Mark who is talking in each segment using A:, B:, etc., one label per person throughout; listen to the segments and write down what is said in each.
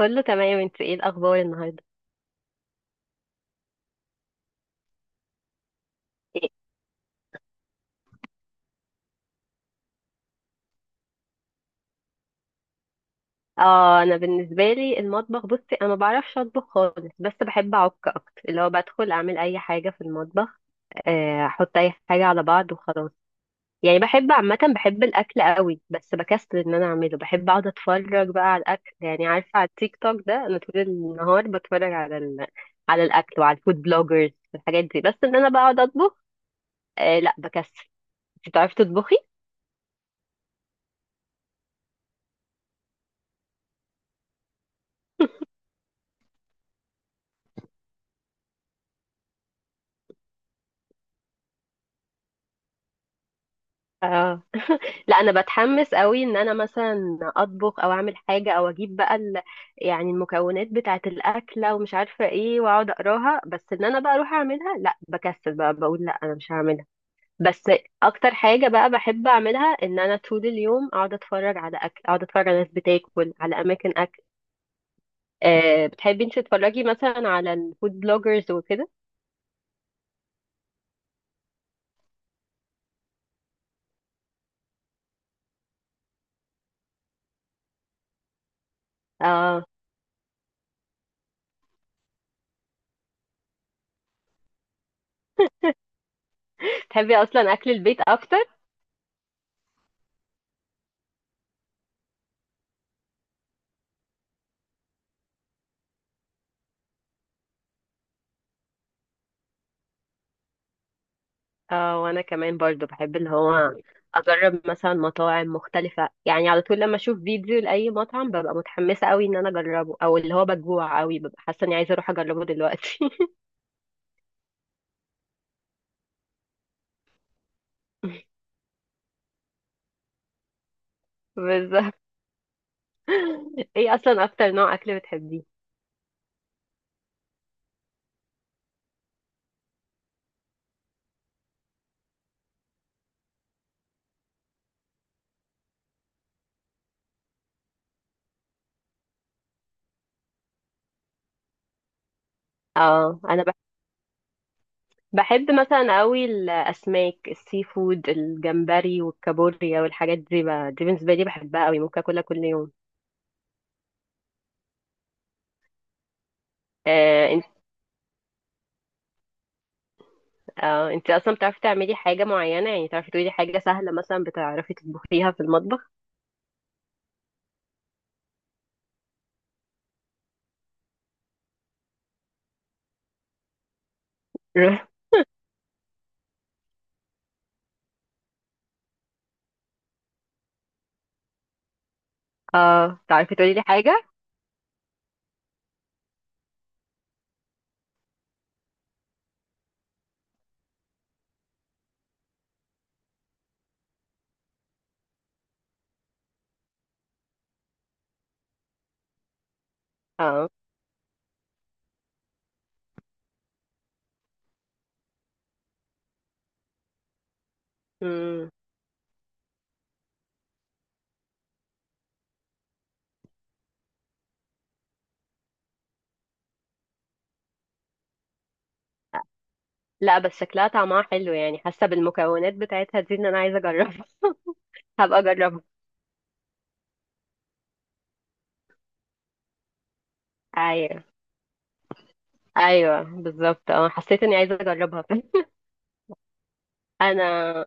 A: كله تمام، انت ايه الاخبار النهارده؟ إيه؟ اه انا بالنسبه لي المطبخ، بصي انا ما بعرفش اطبخ خالص، بس بحب اعك اكتر، اللي هو بدخل اعمل اي حاجه في المطبخ. احط اي حاجه على بعض وخلاص. يعني بحب عامه، بحب الاكل قوي بس بكسل ان انا اعمله. بحب اقعد اتفرج بقى على الاكل، يعني عارفه على التيك توك ده انا طول النهار بتفرج على على الاكل وعلى الفود بلوجرز والحاجات دي، بس ان انا بقعد اطبخ آه لا، بكسل. انت بتعرفي تطبخي؟ اه. لا انا بتحمس قوي ان انا مثلا اطبخ او اعمل حاجه او اجيب بقى يعني المكونات بتاعه الاكله ومش عارفه ايه، واقعد اقراها، بس ان انا بقى اروح اعملها لا، بكسل بقى، بقول لا انا مش هعملها. بس اكتر حاجه بقى بحب اعملها ان انا طول اليوم اقعد اتفرج على اكل، اقعد اتفرج على ناس بتاكل، على اماكن اكل. أه، بتحبي انت تتفرجي مثلا على الفود بلوجرز وكده؟ اه. بتحبي اصلا اكل البيت اكتر؟ اه. وانا كمان برضو بحب اللي هو اجرب مثلا مطاعم مختلفة، يعني على طول لما اشوف فيديو لاي مطعم ببقى متحمسة قوي ان انا اجربه، او اللي هو بجوع قوي ببقى حاسة اني عايزة اروح اجربه دلوقتي. بالظبط. ايه اصلا اكتر نوع اكل بتحبيه؟ اه انا بح- بحب مثلا قوي الاسماك، السي فود، الجمبري والكابوريا والحاجات دي بقى، دي بالنسبة لي بحبها قوي، ممكن اكلها كل يوم. آه. اه، انت اصلا بتعرفي تعملي حاجه معينه؟ يعني تعرفي تقولي حاجه سهله مثلا بتعرفي تطبخيها في المطبخ؟ اه تعرفي تقولي لي حاجه. اه. امم. لا، بس شكلها طعمها حلو يعني، حاسه بالمكونات بتاعتها دي ان انا عايزه اجربها. هبقى اجربها. ايوه. ايوه بالظبط، اه حسيت اني عايزه اجربها. انا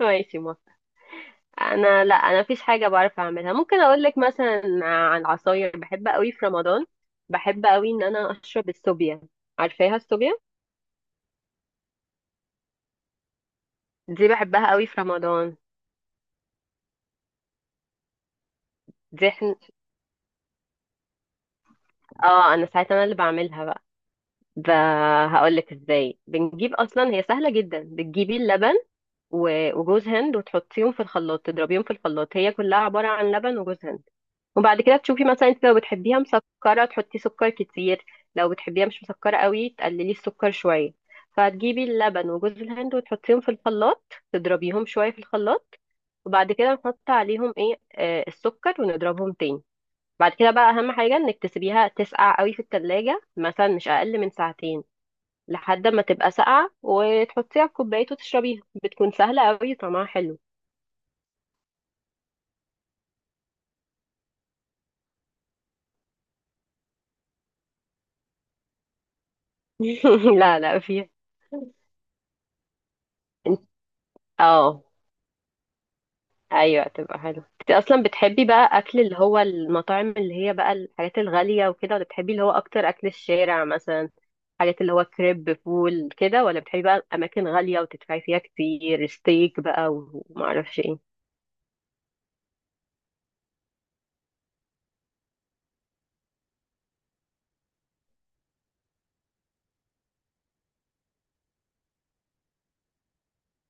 A: ماشي ما انا، لا انا مفيش حاجه بعرف اعملها. ممكن اقول لك مثلا عن العصاير، بحب قوي في رمضان بحب قوي ان انا اشرب السوبيا. عارفاها السوبيا؟ دي بحبها قوي في رمضان. دي احنا اه انا ساعتها انا اللي بعملها بقى ب... هقول لك ازاي بنجيب، اصلا هي سهله جدا، بتجيبي اللبن وجوز هند وتحطيهم في الخلاط، تضربيهم في الخلاط، هي كلها عباره عن لبن وجوز هند. وبعد كده تشوفي مثلا انت لو بتحبيها مسكره تحطي سكر كتير، لو بتحبيها مش مسكره قوي تقللي السكر شويه. فهتجيبي اللبن وجوز الهند وتحطيهم في الخلاط، تضربيهم شويه في الخلاط، وبعد كده نحط عليهم ايه، آه السكر، ونضربهم تاني. بعد كده بقى اهم حاجه انك تسيبيها تسقع قوي في التلاجة مثلا، مش اقل من ساعتين، لحد ما تبقى ساقعه وتحطيها في كوبايه وتشربيها، بتكون سهله قوي طعمها حلو. لا لا فيها. انت-. اه ايوه تبقى حلو. انت اصلا بتحبي بقى اكل اللي هو المطاعم اللي هي بقى الحاجات الغاليه وكده، ولا بتحبي اللي هو اكتر اكل الشارع مثلا؟ حاجات اللي هو كريب فول كده، ولا بتحبي بقى اماكن غاليه وتدفعي فيها كتير، ستيك بقى ومعرفش ايه؟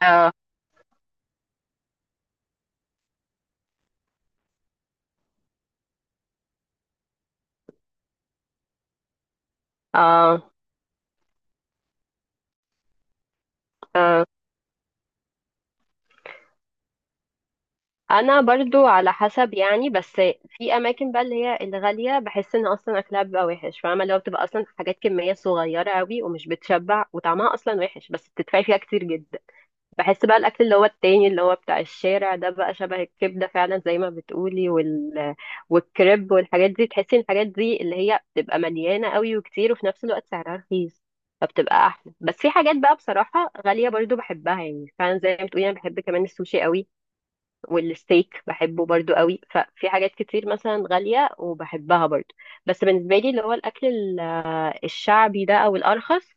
A: اه. اه. اه انا برضو على حسب يعني، بس في اماكن بقى اللي هي الغاليه بحس ان اصلا اكلها بيبقى وحش، فاهمه، اللي هو بتبقى اصلا حاجات كميه صغيره قوي ومش بتشبع وطعمها اصلا وحش، بس بتدفعي فيها كتير جدا. بحس بقى الاكل اللي هو التاني اللي هو بتاع الشارع ده، بقى شبه الكبده فعلا زي ما بتقولي، والكريب والحاجات دي، تحسي ان الحاجات دي اللي هي بتبقى مليانه قوي وكتير، وفي نفس الوقت سعرها رخيص، فبتبقى احلى. بس في حاجات بقى بصراحه غاليه برضو بحبها، يعني فعلا زي ما بتقولي انا بحب كمان السوشي قوي، والستيك بحبه برضو قوي، ففي حاجات كتير مثلا غالية وبحبها برضو. بس بالنسبة لي اللي هو الشعبي ده أو الأرخص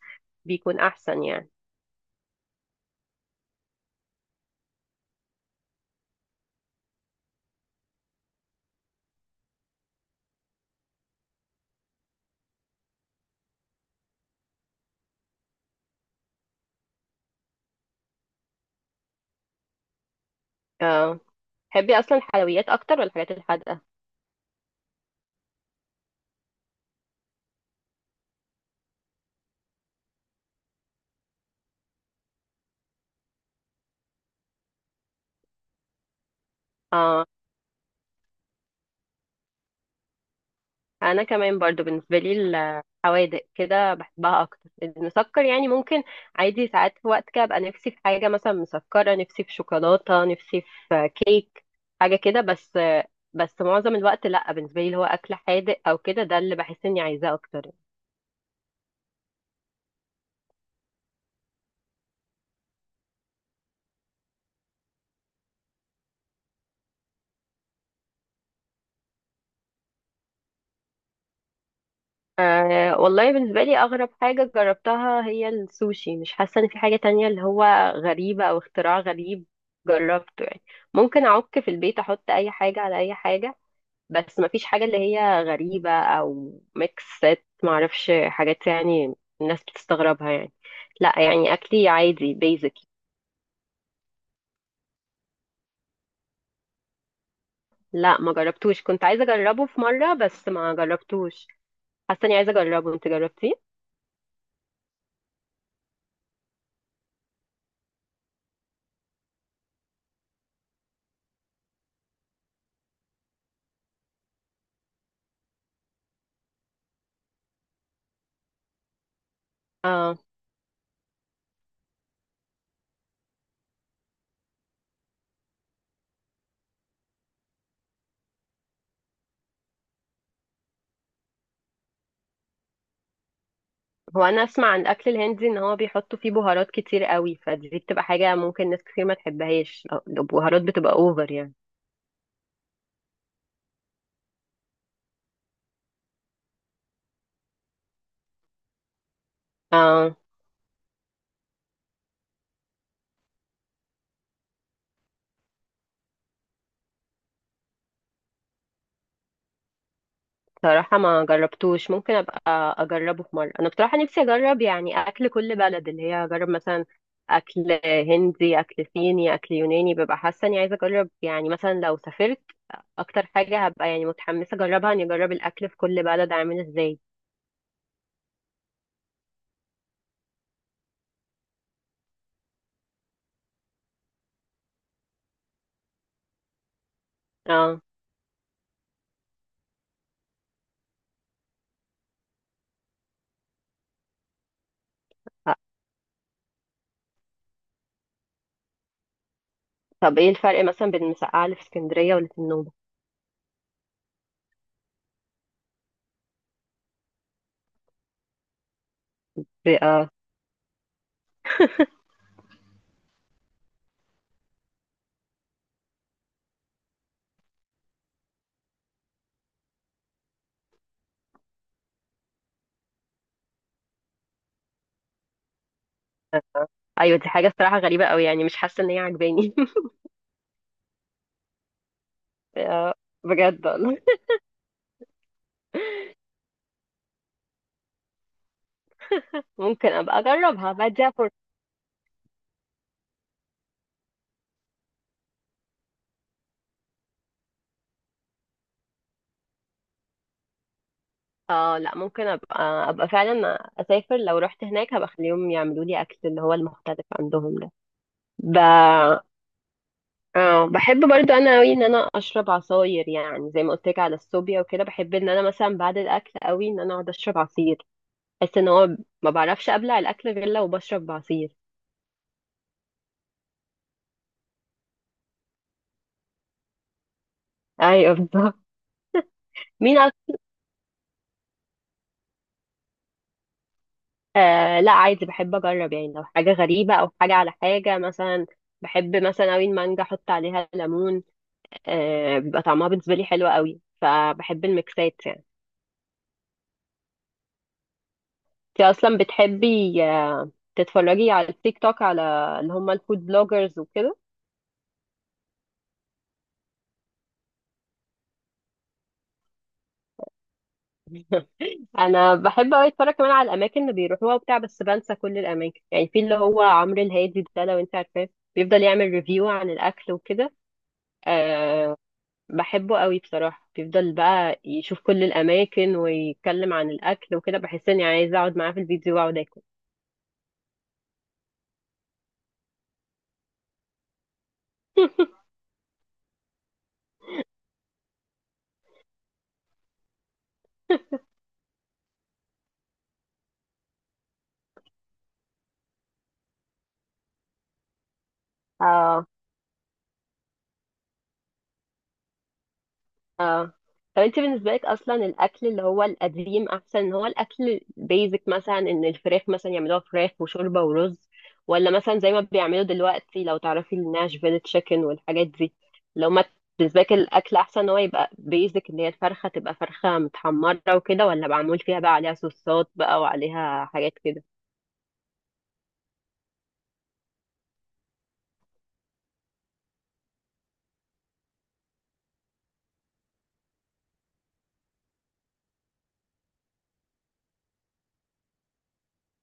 A: بيكون أحسن يعني. اه. تحبي أصلا حلويات أكتر ولا الحاجات الحادقة؟ اه انا كمان برضو بالنسبه لي الحوادق كده بحبها اكتر، المسكر يعني ممكن عادي، ساعات في وقت كده ابقى نفسي في حاجه مثلا مسكره، نفسي في شوكولاته، نفسي في كيك، حاجه كده، بس بس معظم الوقت لا، بالنسبه لي اللي هو اكل حادق او كده ده اللي بحس اني عايزاه اكتر. أه والله بالنسبه لي اغرب حاجه جربتها هي السوشي، مش حاسه ان في حاجه تانية اللي هو غريبه او اختراع غريب جربته يعني. ممكن اعك في البيت احط اي حاجه على اي حاجه، بس مفيش حاجة اللي هي غريبة أو ميكسات معرفش حاجات يعني الناس بتستغربها يعني، لا يعني أكلي عادي بيزك. لا ما جربتوش، كنت عايزة أجربه في مرة بس ما جربتوش، حاسة إني عايزة أجربه. أنت جربتيه؟ اه. هو أنا أسمع عن الأكل الهندي إن هو بيحطوا فيه بهارات كتير قوي، فدي بتبقى حاجة ممكن ناس كتير ما تحبهاش، البهارات بتبقى أوفر يعني. اه. بصراحة ما جربتوش، ممكن أبقى أجربه في مرة. أنا بصراحة نفسي أجرب يعني أكل كل بلد، اللي هي أجرب مثلا أكل هندي، أكل صيني، أكل يوناني، ببقى حاسة إني عايزة أجرب، يعني مثلا لو سافرت أكتر حاجة هبقى يعني متحمسة أجربها إني أجرب الأكل في كل بلد عامل إزاي. اه. طب إيه الفرق مثلا بين المسقعة اللي في اسكندرية واللي في النوبة؟ اه. أيوة دي حاجة الصراحة غريبة أوي، يعني مش حاسة إن هي عجباني. آه، بجد والله. ممكن أبقى أجربها بدي. اه لا، ممكن ابقى ابقى فعلا اسافر لو رحت هناك، هبقى اخليهم يعملوا لي اكل اللي هو المختلف عندهم ده. ب... اه بحب برضو انا قوي ان انا اشرب عصاير، يعني زي ما قلت لك على الصوبيا وكده، بحب ان انا مثلا بعد الاكل قوي ان انا اقعد اشرب عصير. بحس ان هو ما بعرفش ابلع الاكل غير لو بشرب عصير. ايوه بالظبط. مين أك... آه لا عادي بحب اجرب، يعني لو حاجه غريبه او حاجه على حاجه مثلا، بحب مثلا قوي المانجا احط عليها ليمون، آه، بيبقى طعمها بالنسبة لي حلو قوي، فبحب الميكسات يعني. انت اصلا بتحبي، آه، تتفرجي على التيك توك على اللي هم الفود بلوجرز وكده؟ انا بحب قوي اتفرج كمان على الاماكن اللي بيروحوها وبتاع، بس بنسى كل الاماكن، يعني في اللي هو عمرو الهادي ده لو انت عارفاه، بيفضل يعمل ريفيو عن الاكل وكده. أه. بحبه قوي بصراحة، بيفضل بقى يشوف كل الاماكن ويتكلم عن الاكل وكده، بحس اني عايزة اقعد معاه في الفيديو واقعد اكل. اه. اه طب انت بالنسبه لك اصلا الاكل اللي هو القديم احسن، ان هو الاكل البيزك مثلا، ان الفراخ مثلا يعملوها فراخ وشوربه ورز، ولا مثلا زي ما بيعملوا دلوقتي لو تعرفي الناشفيل تشيكن والحاجات دي؟ لو ما بالنسبه لك الاكل احسن ان هو يبقى بيزك، اللي هي الفرخه تبقى فرخه متحمره وكده، ولا معمول فيها بقى عليها صوصات بقى وعليها حاجات كده؟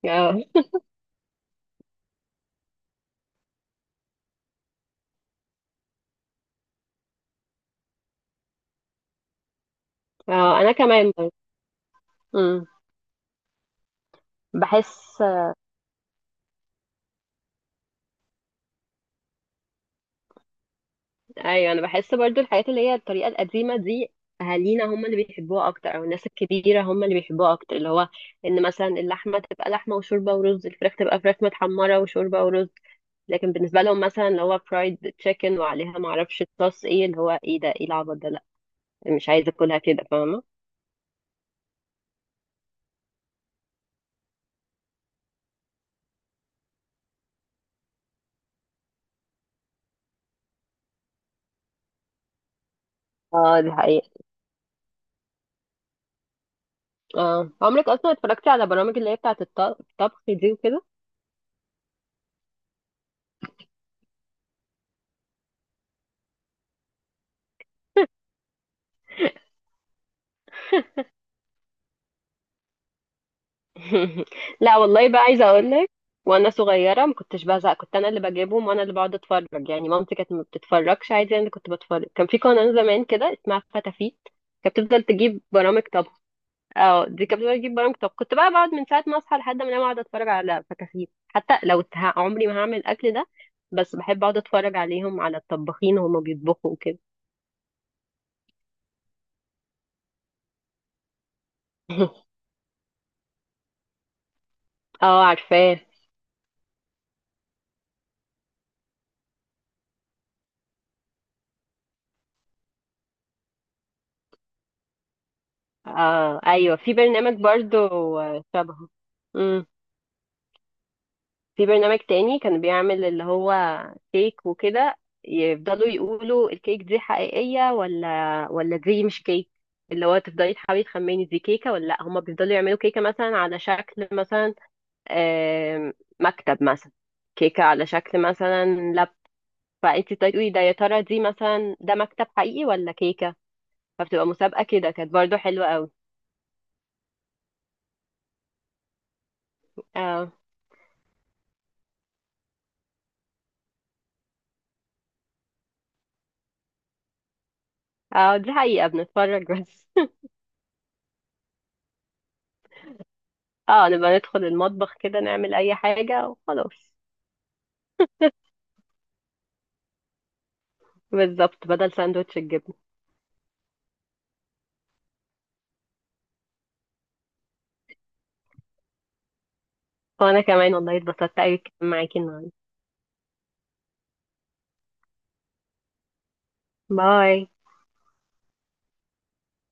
A: اه. اه انا كمان برضه. امم. بحس. ايوه انا بحس برضو الحاجات اللي هي الطريقه القديمه دي، اهالينا هم اللي بيحبوها اكتر، او الناس الكبيره هم اللي بيحبوها اكتر، اللي هو ان مثلا اللحمه تبقى لحمه وشوربه ورز، الفراخ تبقى فراخ متحمره وشوربه ورز. لكن بالنسبه لهم مثلا اللي هو فرايد تشيكن وعليها ما اعرفش صوص ايه اللي هو، ايه ده، ايه العبط ده، لا مش عايزه اكلها كده، فاهمه. اه دي حقيقة. اه عمرك اصلا اتفرجتي على برامج اللي هي بتاعه الطبخ دي وكده؟ لا والله بقى عايزه اقول لك، وانا صغيره ما كنتش بزهق، كنت انا اللي بجيبهم وانا اللي بقعد اتفرج، يعني مامتي كانت ما بتتفرجش عادي، انا اللي كنت بتفرج. كان في قناه زمان كده اسمها فتافيت كانت بتفضل تجيب برامج طبخ. اه دي كانت بتفضل تجيب برامج طبخ، كنت بقى بقعد من ساعه ما اصحى لحد ما انام اقعد اتفرج على فتافيت، حتى لو عمري ما هعمل الاكل ده، بس بحب اقعد اتفرج عليهم على الطباخين وهما بيطبخوا وكده. اه عارفاه. اه ايوه في برنامج برضو شبهه. في برنامج تاني كان بيعمل اللي هو كيك وكده، يفضلوا يقولوا الكيك دي حقيقية ولا دي مش كيك، اللي هو تفضلي تحاولي تخمني دي كيكة ولا لأ، هما بيفضلوا يعملوا كيكة مثلا على شكل مثلا، آم، مكتب مثلا، كيكة على شكل مثلا لاب، فانت تقولي ده يا ترى دي مثلا، ده مكتب حقيقي ولا كيكة، فبتبقى مسابقة كده، كانت برضو حلوة قوي. اه. اه دي حقيقة بنتفرج بس. اه نبقى ندخل المطبخ كده نعمل أي حاجة وخلاص. بالظبط بدل ساندوتش الجبنة. وانا كمان والله اتبسطت قوي معاكي النهارده. باي.